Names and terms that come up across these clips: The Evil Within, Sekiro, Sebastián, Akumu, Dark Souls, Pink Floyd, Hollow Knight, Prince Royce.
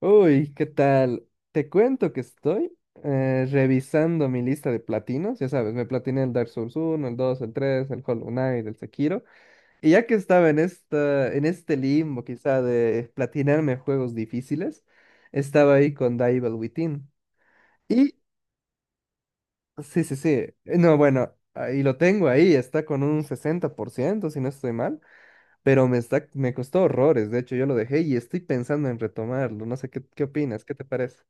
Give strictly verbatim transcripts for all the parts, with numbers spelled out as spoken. Uy, ¿qué tal? Te cuento que estoy eh, revisando mi lista de platinos. Ya sabes, me platiné el Dark Souls uno el dos el tres el Hollow Knight, el Sekiro. Y ya que estaba en esta, en este limbo quizá de platinarme juegos difíciles, estaba ahí con The Evil Within. Y sí, sí, sí. No, bueno, ahí lo tengo ahí, está con un sesenta por ciento si no estoy mal. Pero me está, me costó horrores. De hecho, yo lo dejé y estoy pensando en retomarlo. No sé qué, qué opinas, ¿qué te parece?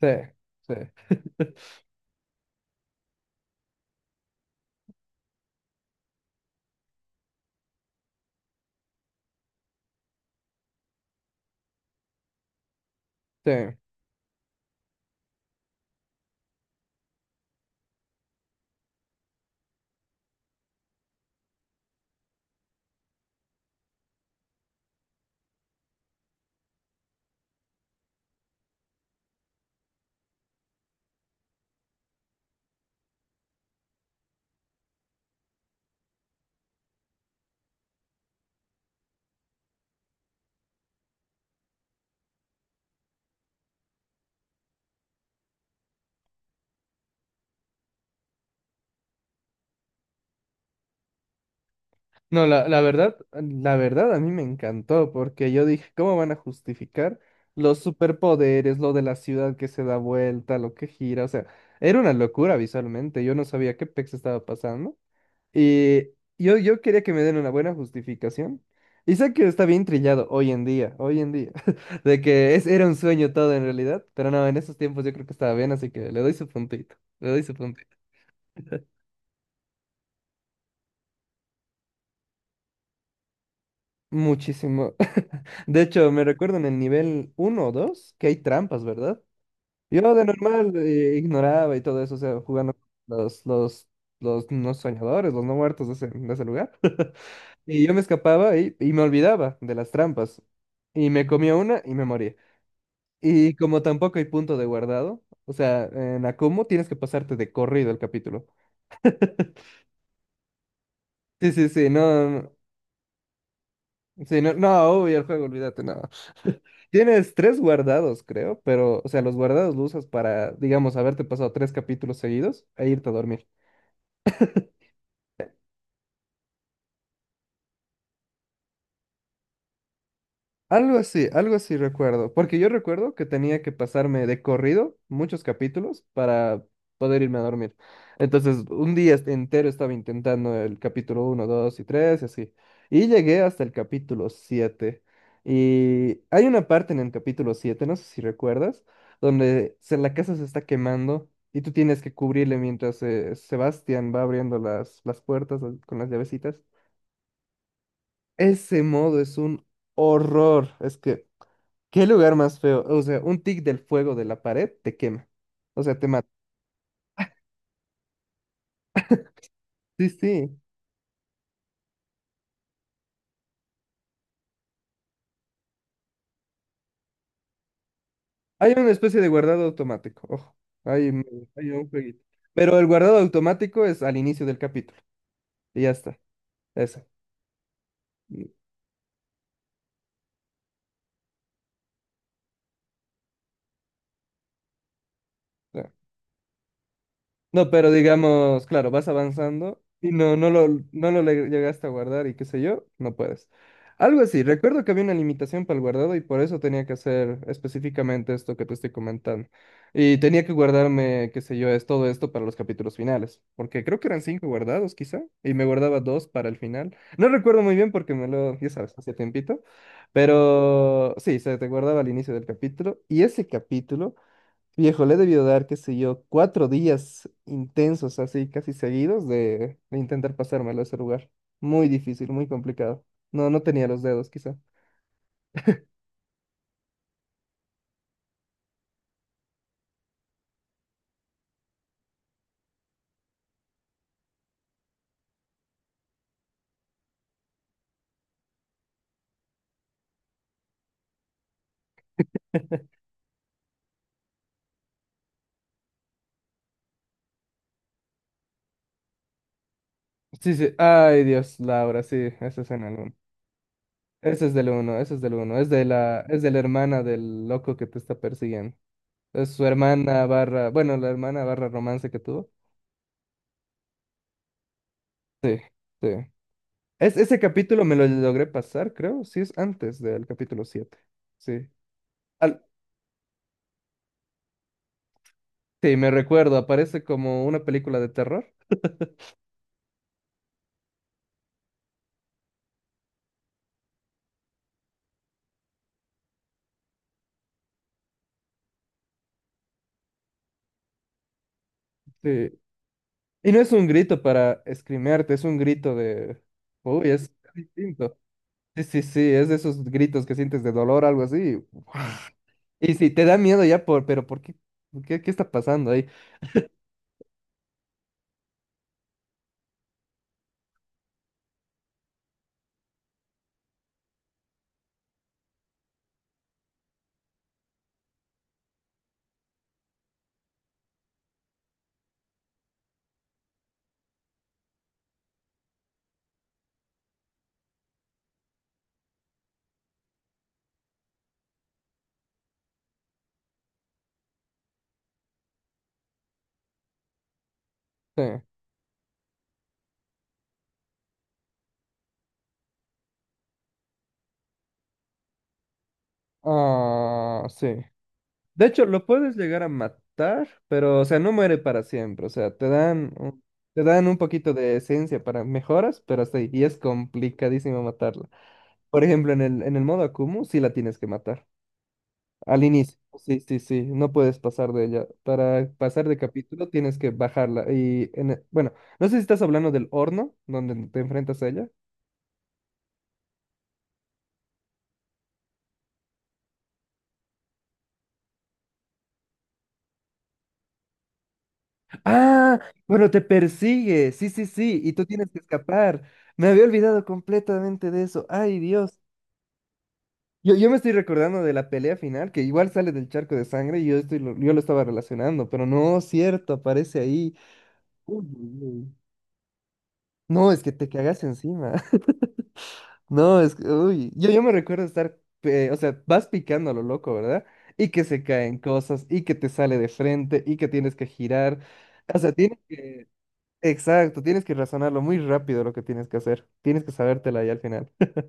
Sí, sí, sí. No, la, la verdad, la verdad a mí me encantó porque yo dije, ¿cómo van a justificar los superpoderes, lo de la ciudad que se da vuelta, lo que gira? O sea, era una locura visualmente, yo no sabía qué pex estaba pasando y yo, yo quería que me den una buena justificación. Y sé que está bien trillado hoy en día, hoy en día, de que es, era un sueño todo en realidad, pero no, en esos tiempos yo creo que estaba bien, así que le doy su puntito, le doy su puntito. Muchísimo. De hecho, me recuerdo en el nivel uno o dos que hay trampas, ¿verdad? Yo de normal eh, ignoraba y todo eso, o sea, jugando con los, los, los no soñadores, los no muertos de ese, de ese lugar. Y yo me escapaba y, y me olvidaba de las trampas. Y me comía una y me moría. Y como tampoco hay punto de guardado, o sea, en Akumu tienes que pasarte de corrido el capítulo. Sí, sí, sí, no. Sí, no, no, obvio, el juego, olvídate, no. Tienes tres guardados, creo, pero, o sea, los guardados los usas para, digamos, haberte pasado tres capítulos seguidos e irte a dormir. Algo así, algo así recuerdo, porque yo recuerdo que tenía que pasarme de corrido muchos capítulos para poder irme a dormir. Entonces, un día est- entero estaba intentando el capítulo uno dos y tres y así. Y llegué hasta el capítulo siete. Y hay una parte en el capítulo siete, no sé si recuerdas, donde se- la casa se está quemando y tú tienes que cubrirle mientras eh, Sebastián va abriendo las, las puertas con las llavecitas. Ese modo es un horror. Es que ¿Qué lugar más feo? O sea, un tic del fuego de la pared te quema. O sea, te mata. Sí, sí. Hay una especie de guardado automático. Ojo, hay, me- hay un jueguito. Pero el guardado automático es al inicio del capítulo. Y ya está. Eso. No, pero digamos, claro, vas avanzando y no, no lo, no lo le- llegaste a guardar y qué sé yo, no puedes. Algo así, recuerdo que había una limitación para el guardado y por eso tenía que hacer específicamente esto que te estoy comentando. Y tenía que guardarme, qué sé yo, es todo esto para los capítulos finales, porque creo que eran cinco guardados quizá, y me guardaba dos para el final. No recuerdo muy bien porque me lo, ya sabes, hace tiempito, pero sí, se te guardaba al inicio del capítulo y ese capítulo... Viejo, le he debido dar, qué sé yo, cuatro días intensos, así casi seguidos, de, de intentar pasármelo a ese lugar. Muy difícil, muy complicado. No, no tenía los dedos, quizá. Sí, sí. Ay, Dios, Laura, sí, ese es en el uno. Ese es del uno, ese es del uno. Es de la, es de la hermana del loco que te está persiguiendo. Es su hermana barra, bueno, la hermana barra romance que tuvo. Sí, sí. Es, ese capítulo me lo logré pasar, creo. Sí, es antes del capítulo siete. Sí. Al- Sí, me recuerdo, aparece como una película de terror. Sí. Y no es un grito para esgrimarte, es un grito de... Uy, es distinto. Sí, sí, sí, es de esos gritos que sientes de dolor, algo así. Y sí, te da miedo ya por... Pero ¿por qué? ¿Qué, qué está pasando ahí? Sí. Ah, sí. De hecho, lo puedes llegar a matar, pero, o sea, no muere para siempre. O sea, te dan, un- te dan un poquito de esencia para mejoras, pero hasta ahí. Y es complicadísimo matarlo. Por ejemplo, en el, en el modo Akumu sí la tienes que matar. Al inicio. Sí, sí, sí. No puedes pasar de ella. Para pasar de capítulo tienes que bajarla. Y en e- bueno, no sé si estás hablando del horno donde te enfrentas a ella. Ah, bueno, te persigue. Sí, sí, sí. Y tú tienes que escapar. Me había olvidado completamente de eso. Ay, Dios. Yo, yo me estoy recordando de la pelea final, que igual sale del charco de sangre y yo, estoy, lo- yo lo estaba relacionando, pero no, cierto, aparece ahí. Uy, uy, uy. No, es que te cagas encima. No, es que, uy, yo, yo me recuerdo estar, eh, o sea, vas picando a lo loco, ¿verdad? Y que se caen cosas, y que te sale de frente, y que tienes que girar. O sea, tienes que, exacto, tienes que razonarlo muy rápido lo que tienes que hacer. Tienes que sabértela ahí al final.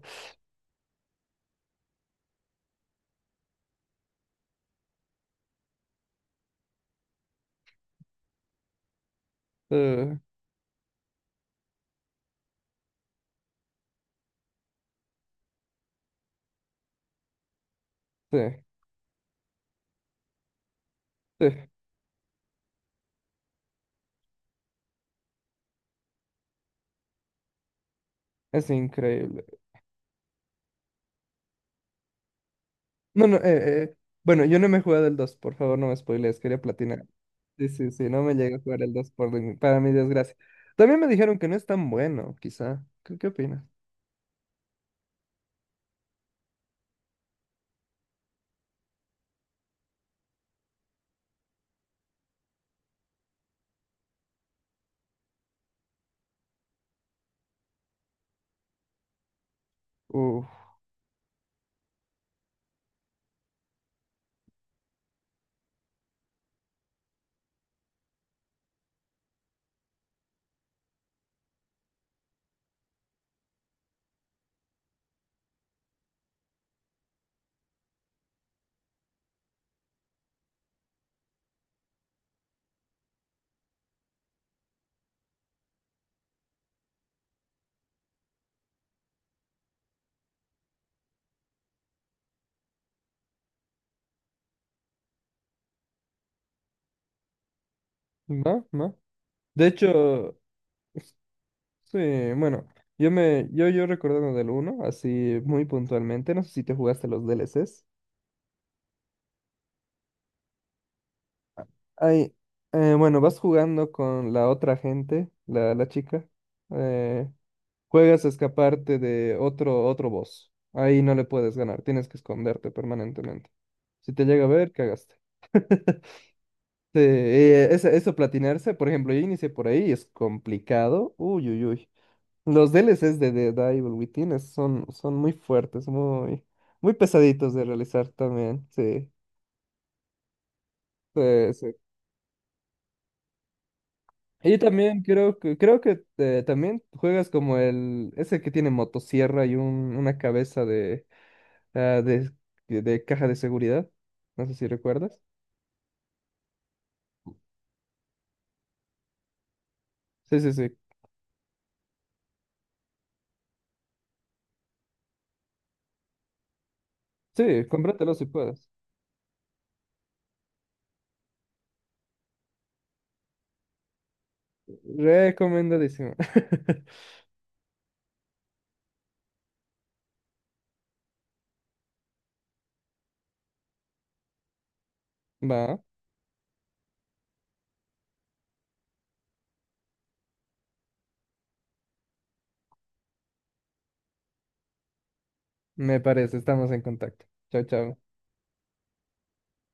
Eh, sí, sí, es increíble. No, no, eh, eh, bueno, yo no me he jugado el dos, por favor, no me spoilees, quería platinar. Sí, sí, sí, no me llegué a jugar el dos por, mi- para mi desgracia. También me dijeron que no es tan bueno, quizá. ¿Qué, qué opinas? Uf. No, no. De hecho, sí, bueno, yo me, yo, yo recordando del uno así muy puntualmente, no sé si te jugaste los D L Cs. Ay, eh, bueno, vas jugando con la otra gente, la, la chica. eh, juegas a escaparte de otro, otro boss. Ahí no le puedes ganar, tienes que esconderte permanentemente. Si te llega a ver, cagaste. Sí, eh, esa- eso, platinarse, por ejemplo, yo inicié por ahí, es complicado. Uy, uy, uy. Los D L Cs de Dead Evil Within es- son, son muy fuertes, muy, muy pesaditos de realizar también, sí, sí, sí. Y también creo que, creo que eh, también juegas como el, ese que tiene motosierra y un, una cabeza de, ah, de, de- de caja de seguridad, no sé si recuerdas. Sí, sí, sí, sí, cómpratelo si puedes. Recomendadísimo. Va, me parece, estamos en contacto. Chao, chao.